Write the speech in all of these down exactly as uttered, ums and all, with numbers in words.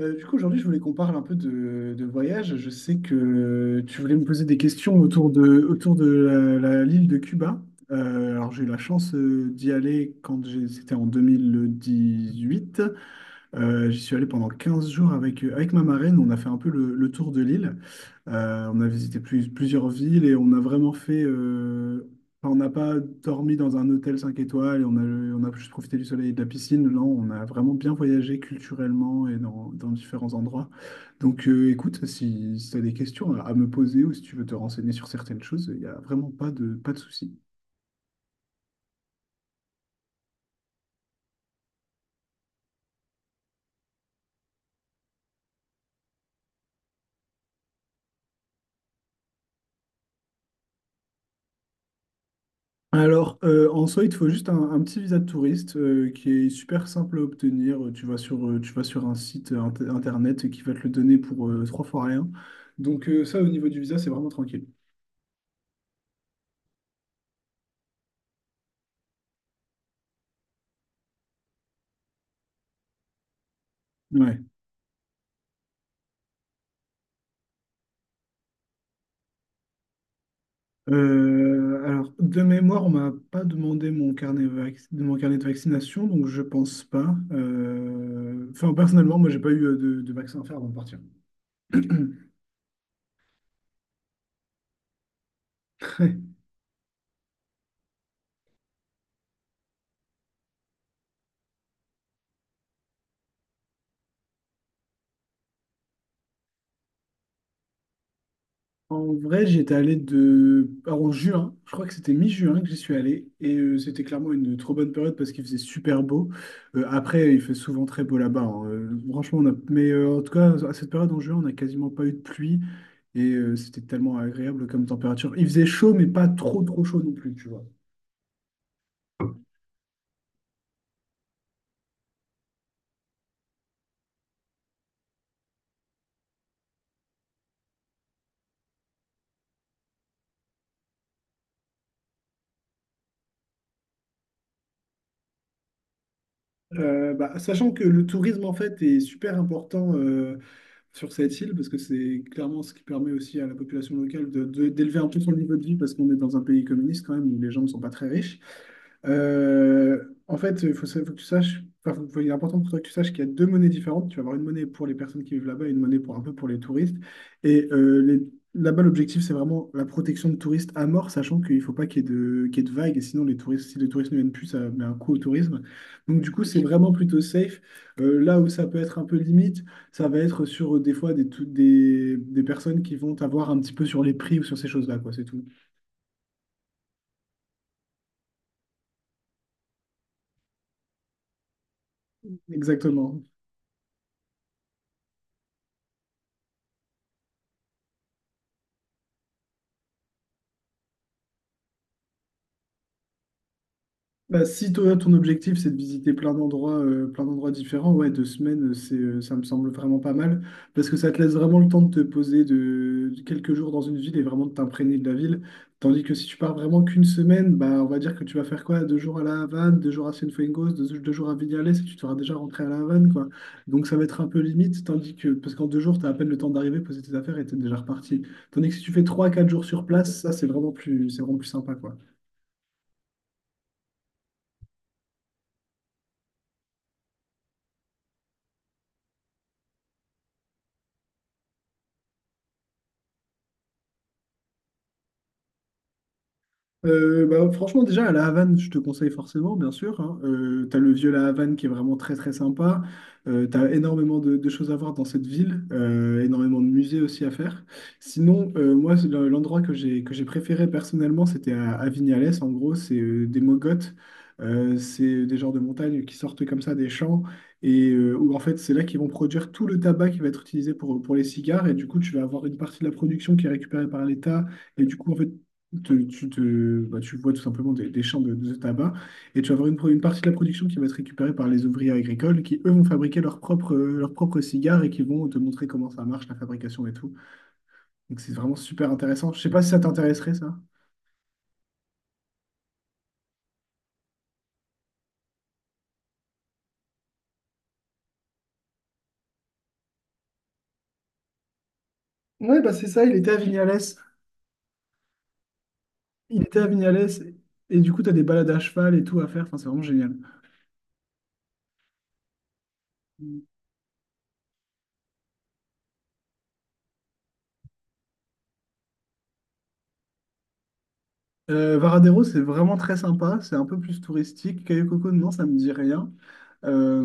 Euh, du coup, aujourd'hui, je voulais qu'on parle un peu de, de voyage. Je sais que tu voulais me poser des questions autour de, autour de la- la- l'île de Cuba. Euh, alors, j'ai eu la chance euh, d'y aller quand j'ai- c'était en deux mille dix-huit. Euh, j'y suis allé pendant quinze jours avec, avec ma marraine. On a fait un peu le, le tour de l'île. Euh, on a visité plus- plusieurs villes et on a vraiment fait. Euh, enfin, on n'a pas dormi dans un hôtel cinq étoiles et on a, on a juste profité du soleil et de la piscine. Là, on a vraiment bien voyagé culturellement et dans, dans différents endroits. Donc, euh, écoute, si, tu as des questions à, à me poser ou si tu veux te renseigner sur certaines choses, il n'y a vraiment pas de, pas de souci. Alors, euh, en soi, il te faut juste un, un petit visa de touriste euh, qui est super simple à obtenir. Euh, Tu vas sur, euh, tu vas sur un site euh, inter- internet qui va te le donner pour euh, trois fois rien. Donc, euh, ça, au niveau du visa, c'est vraiment tranquille. Ouais. Euh, alors, de mémoire, on m'a pas demandé mon carnet, vac- de mon carnet de vaccination, donc je pense pas. Euh, Enfin, personnellement, moi, j'ai pas eu euh, de, de vaccin à faire avant de partir. En vrai, j'y étais allé de... alors, en juin, je crois que c'était mi-juin que j'y suis allé, et euh, c'était clairement une trop bonne période parce qu'il faisait super beau. Euh, après, il fait souvent très beau là-bas, hein. Euh, franchement, on a... mais euh, en tout cas, à cette période en juin, on n'a quasiment pas eu de pluie, et euh, c'était tellement agréable comme température. Il faisait chaud, mais pas trop trop chaud non plus, tu vois. Euh, bah, sachant que le tourisme, en fait, est super important euh, sur cette île, parce que c'est clairement ce qui permet aussi à la population locale de, de- d'élever un peu son niveau de vie, parce qu'on est dans un pays communiste quand même, où les gens ne sont pas très riches. Euh, en fait, il faut, sa- faut que tu saches, enfin, faut- faut- il est important pour toi que tu saches qu'il y a deux monnaies différentes. Tu vas avoir une monnaie pour les personnes qui vivent là-bas et une monnaie pour un peu pour les touristes. Et euh, les- là-bas, l'objectif, c'est vraiment la protection de touristes à mort, sachant qu'il ne faut pas qu'il y ait de, qu'il y ait de vagues. Et sinon, les touristes, si les touristes ne viennent plus, ça met un coup au tourisme. Donc, du coup, c'est ok, vraiment plutôt safe. Euh, là où ça peut être un peu limite, ça va être sur euh, des fois des, tou- des, des personnes qui vont t'avoir un petit peu sur les prix ou sur ces choses-là, quoi, c'est tout. Exactement. Bah, si toi, ton objectif, c'est de visiter plein d'endroits euh, plein d'endroits différents, ouais, deux semaines, euh, c'est, euh, ça me semble vraiment pas mal, parce que ça te laisse vraiment le temps de te poser de, de quelques jours dans une ville et vraiment de t'imprégner de la ville. Tandis que si tu pars vraiment qu'une semaine, bah, on va dire que tu vas faire quoi? Deux jours à La Havane, deux jours à Cienfuegos, deux, deux jours à Vignales, et tu seras déjà rentré à La Havane, quoi. Donc ça va être un peu limite, tandis que, parce qu'en deux jours, tu as à peine le temps d'arriver, poser tes affaires et t'es déjà reparti. Tandis que si tu fais trois, quatre jours sur place, ça, c'est vraiment plus, c'est vraiment plus sympa, quoi. Euh, bah, franchement, déjà, à la Havane, je te conseille forcément, bien sûr, hein. Euh, t'as le vieux La Havane qui est vraiment très très sympa. Euh, t'as énormément de, de choses à voir dans cette ville, euh, énormément de musées aussi à faire. Sinon, euh, moi, c'est le- l'endroit que j'ai que j'ai préféré personnellement, c'était à, à Vignales. En gros, c'est euh, des mogotes. Euh, c'est des genres de montagnes qui sortent comme ça des champs et euh, où en fait c'est là qu'ils vont produire tout le tabac qui va être utilisé pour, pour les cigares et du coup tu vas avoir une partie de la production qui est récupérée par l'État et du coup en fait te- tu, te, bah, tu vois tout simplement des, des champs de, de tabac et tu vas avoir une, pro- une partie de la production qui va être récupérée par les ouvriers agricoles qui, eux, vont fabriquer leurs propres, leurs propres cigares et qui vont te montrer comment ça marche, la fabrication et tout. Donc c'est vraiment super intéressant. Je sais pas si ça t'intéresserait, ça. Ouais, bah c'est ça, il était. à Vignales, il était à Vignales et du coup, tu as des balades à cheval et tout à faire. Enfin, c'est vraiment génial. Euh, Varadero, c'est vraiment très sympa. C'est un peu plus touristique. Cayo Coco, non, ça me dit rien. Euh,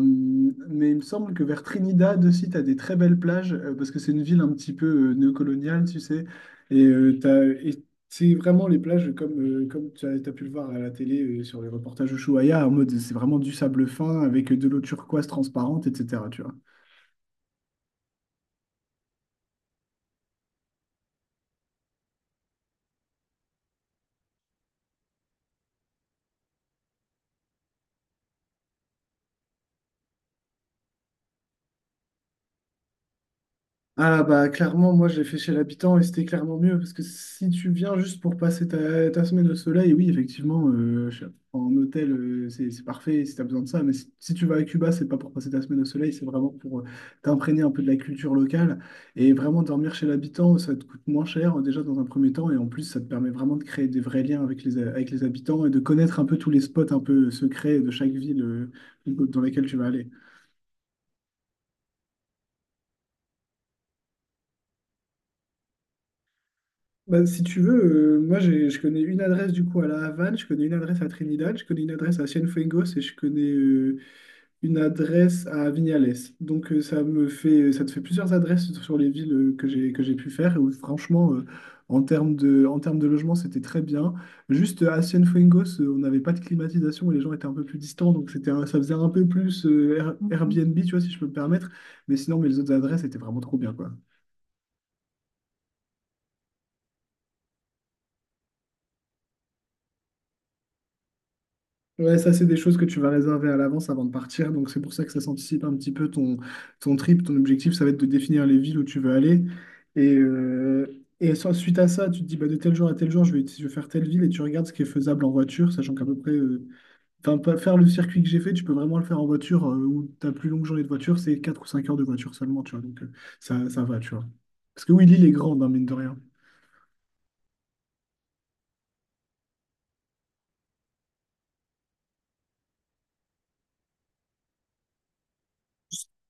mais il me semble que vers Trinidad aussi, tu as des très belles plages, euh, parce que c'est une ville un petit peu euh, néocoloniale, tu sais. Et euh, t'as- et c'est vraiment les plages comme, euh, comme tu as, t'as pu le voir à la télé euh, sur les reportages Ushuaïa, en mode c'est vraiment du sable fin avec de l'eau turquoise transparente, et cetera. Tu vois. Ah bah clairement, moi je l'ai fait chez l'habitant et c'était clairement mieux parce que si tu viens juste pour passer ta, ta semaine au soleil, oui effectivement, euh, je- en hôtel euh, c'est c'est parfait si tu as besoin de ça, mais si, si tu vas à Cuba, c'est pas pour passer ta semaine au soleil, c'est vraiment pour euh, t'imprégner un peu de la culture locale et vraiment dormir chez l'habitant, ça te coûte moins cher euh, déjà dans un premier temps et en plus ça te permet vraiment de créer des vrais liens avec les, avec les habitants et de connaître un peu tous les spots un peu secrets de chaque ville euh, dans laquelle tu vas aller. Bah, si tu veux, euh, moi j'ai- je connais une adresse du coup à La Havane, je connais une adresse à Trinidad, je connais une adresse à Cienfuegos et je connais euh, une adresse à Vignales. Donc euh, ça me fait, euh, ça te fait plusieurs adresses sur les villes euh, que j'ai que j'ai pu faire. Et où, franchement, euh, en termes de, en termes de logement, c'était très bien. Juste euh, à Cienfuegos, euh, on n'avait pas de climatisation et les gens étaient un peu plus distants, donc c'était un- ça faisait un peu plus euh, Air- Mhm. Airbnb, tu vois, si je peux me permettre. Mais sinon, mes autres adresses étaient vraiment trop bien, quoi. Ouais, ça, c'est des choses que tu vas réserver à l'avance avant de partir. Donc, c'est pour ça que ça s'anticipe un petit peu ton, ton trip. Ton objectif, ça va être de définir les villes où tu veux aller. Et, euh, et sans- Suite à ça, tu te dis, bah, de tel jour à tel jour, je vais, je vais faire telle ville et tu regardes ce qui est faisable en voiture, sachant qu'à peu près, euh, enfin, pas- faire le circuit que j'ai fait, tu peux vraiment le faire en voiture euh, où ta plus longue journée de voiture, c'est quatre ou cinq heures de voiture seulement, tu vois. Donc, euh, ça, ça va, tu vois. Parce que oui, l'île est grande, hein, mine de rien.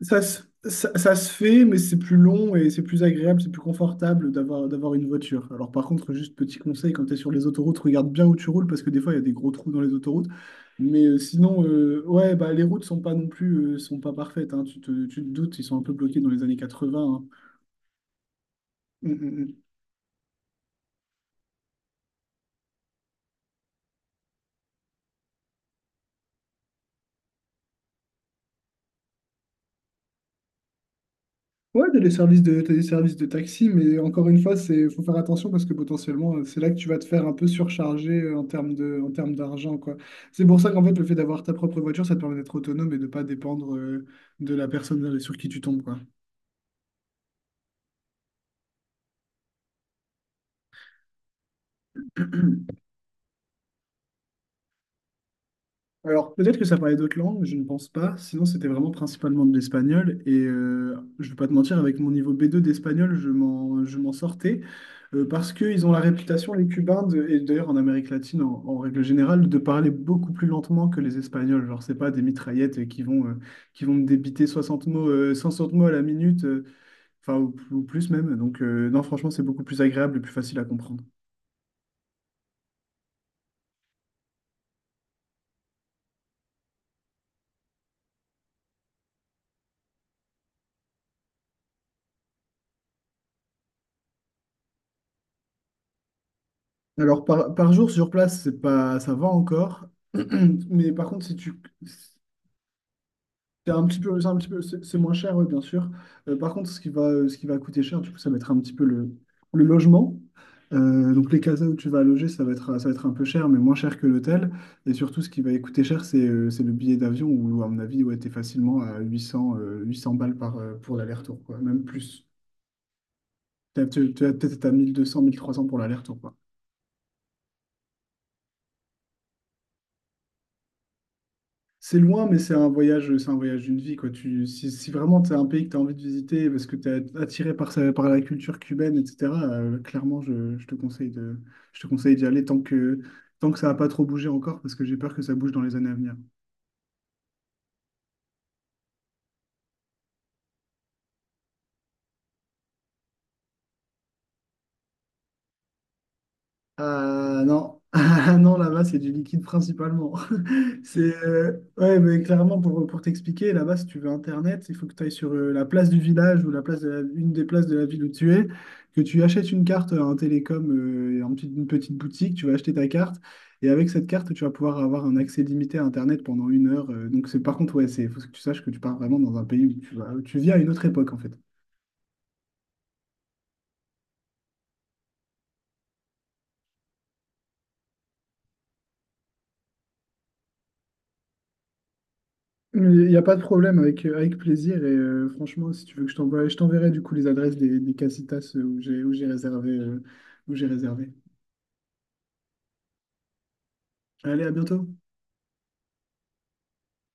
Ça se, ça, ça se fait, mais c'est plus long et c'est plus agréable, c'est plus confortable d'avoir d'avoir une voiture. Alors par contre, juste petit conseil, quand tu es sur les autoroutes, regarde bien où tu roules parce que des fois, il y a des gros trous dans les autoroutes. Mais euh, sinon, euh, ouais, bah, les routes sont pas non plus, euh, sont pas parfaites, hein. Tu te, tu te doutes, ils sont un peu bloqués dans les années quatre-vingts, hein. Mm, mm, mm. Ouais, t'as des services de, t'as des services de taxi, mais encore une fois, c'est, faut faire attention parce que potentiellement, euh, c'est là que tu vas te faire un peu surcharger euh, en termes de, en termes d'argent, quoi. C'est pour ça qu'en fait, le fait d'avoir ta propre voiture, ça te permet d'être autonome et de pas dépendre euh, de la personne euh, sur qui tu tombes, quoi. Alors, peut-être que ça parlait d'autres langues, je ne pense pas. Sinon, c'était vraiment principalement de l'espagnol. Et euh, je ne vais pas te mentir, avec mon niveau B deux d'espagnol, je m'en, je m'en sortais. euh, parce qu'ils ont la réputation, les Cubains, de- et d'ailleurs en Amérique latine, en, en règle générale, de parler beaucoup plus lentement que les Espagnols. Genre, c'est pas des mitraillettes qui vont, euh, qui vont me débiter soixante mots, euh, soixante mots à la minute, euh, enfin, ou, ou plus même. Donc, euh, non, franchement, c'est beaucoup plus agréable et plus facile à comprendre. Alors, par, par jour sur place, c'est pas, ça va encore. Mais par contre, si tu, c'est un petit peu, c'est un petit peu, c'est c'est moins cher, oui, bien sûr. Euh, par contre, ce qui va, ce qui va coûter cher, du coup, ça va être un petit peu le, le logement. Euh, donc, les casas où tu vas loger, ça va être, ça va être un peu cher, mais moins cher que l'hôtel. Et surtout, ce qui va coûter cher, c'est euh, c'est le billet d'avion, où, à mon avis, ouais, t'es facilement à huit cents, euh, huit cents balles par, euh, pour l'aller-retour, quoi. Même plus. T'as t'as- t'as peut-être à mille mille deux cents mille trois cents pour l'aller-retour, quoi. C'est loin, mais c'est un voyage, c'est un voyage d'une vie, quoi. Tu, si, si vraiment c'est un pays que tu as envie de visiter parce que tu es attiré par, sa- par la culture cubaine, et cetera, euh, clairement, je, je te conseille de, je te conseille d'y aller tant que, tant que ça n'a pas trop bougé encore, parce que j'ai peur que ça bouge dans les années à venir. Ah non, Ah, non là-bas c'est du liquide principalement. C'est euh, ouais, mais clairement pour, pour t'expliquer, là-bas si tu veux internet, il faut que tu ailles sur euh, la place du village ou la place de la- une des places de la ville où tu es, que tu achètes une carte à un télécom, euh, en petite- une petite boutique, tu vas acheter ta carte et avec cette carte tu vas pouvoir avoir un accès limité à internet pendant une heure. euh, donc c'est par contre, ouais, c'est faut que tu saches que tu pars vraiment dans un pays où tu vas, où tu vis à une autre époque en fait. Il n'y a pas de problème, avec, euh, avec plaisir. Et euh, franchement, si tu veux que je t'envoie, je t'enverrai du coup les adresses des, des casitas euh, où j'ai où j'ai réservé, euh, où j'ai réservé. Allez, à bientôt.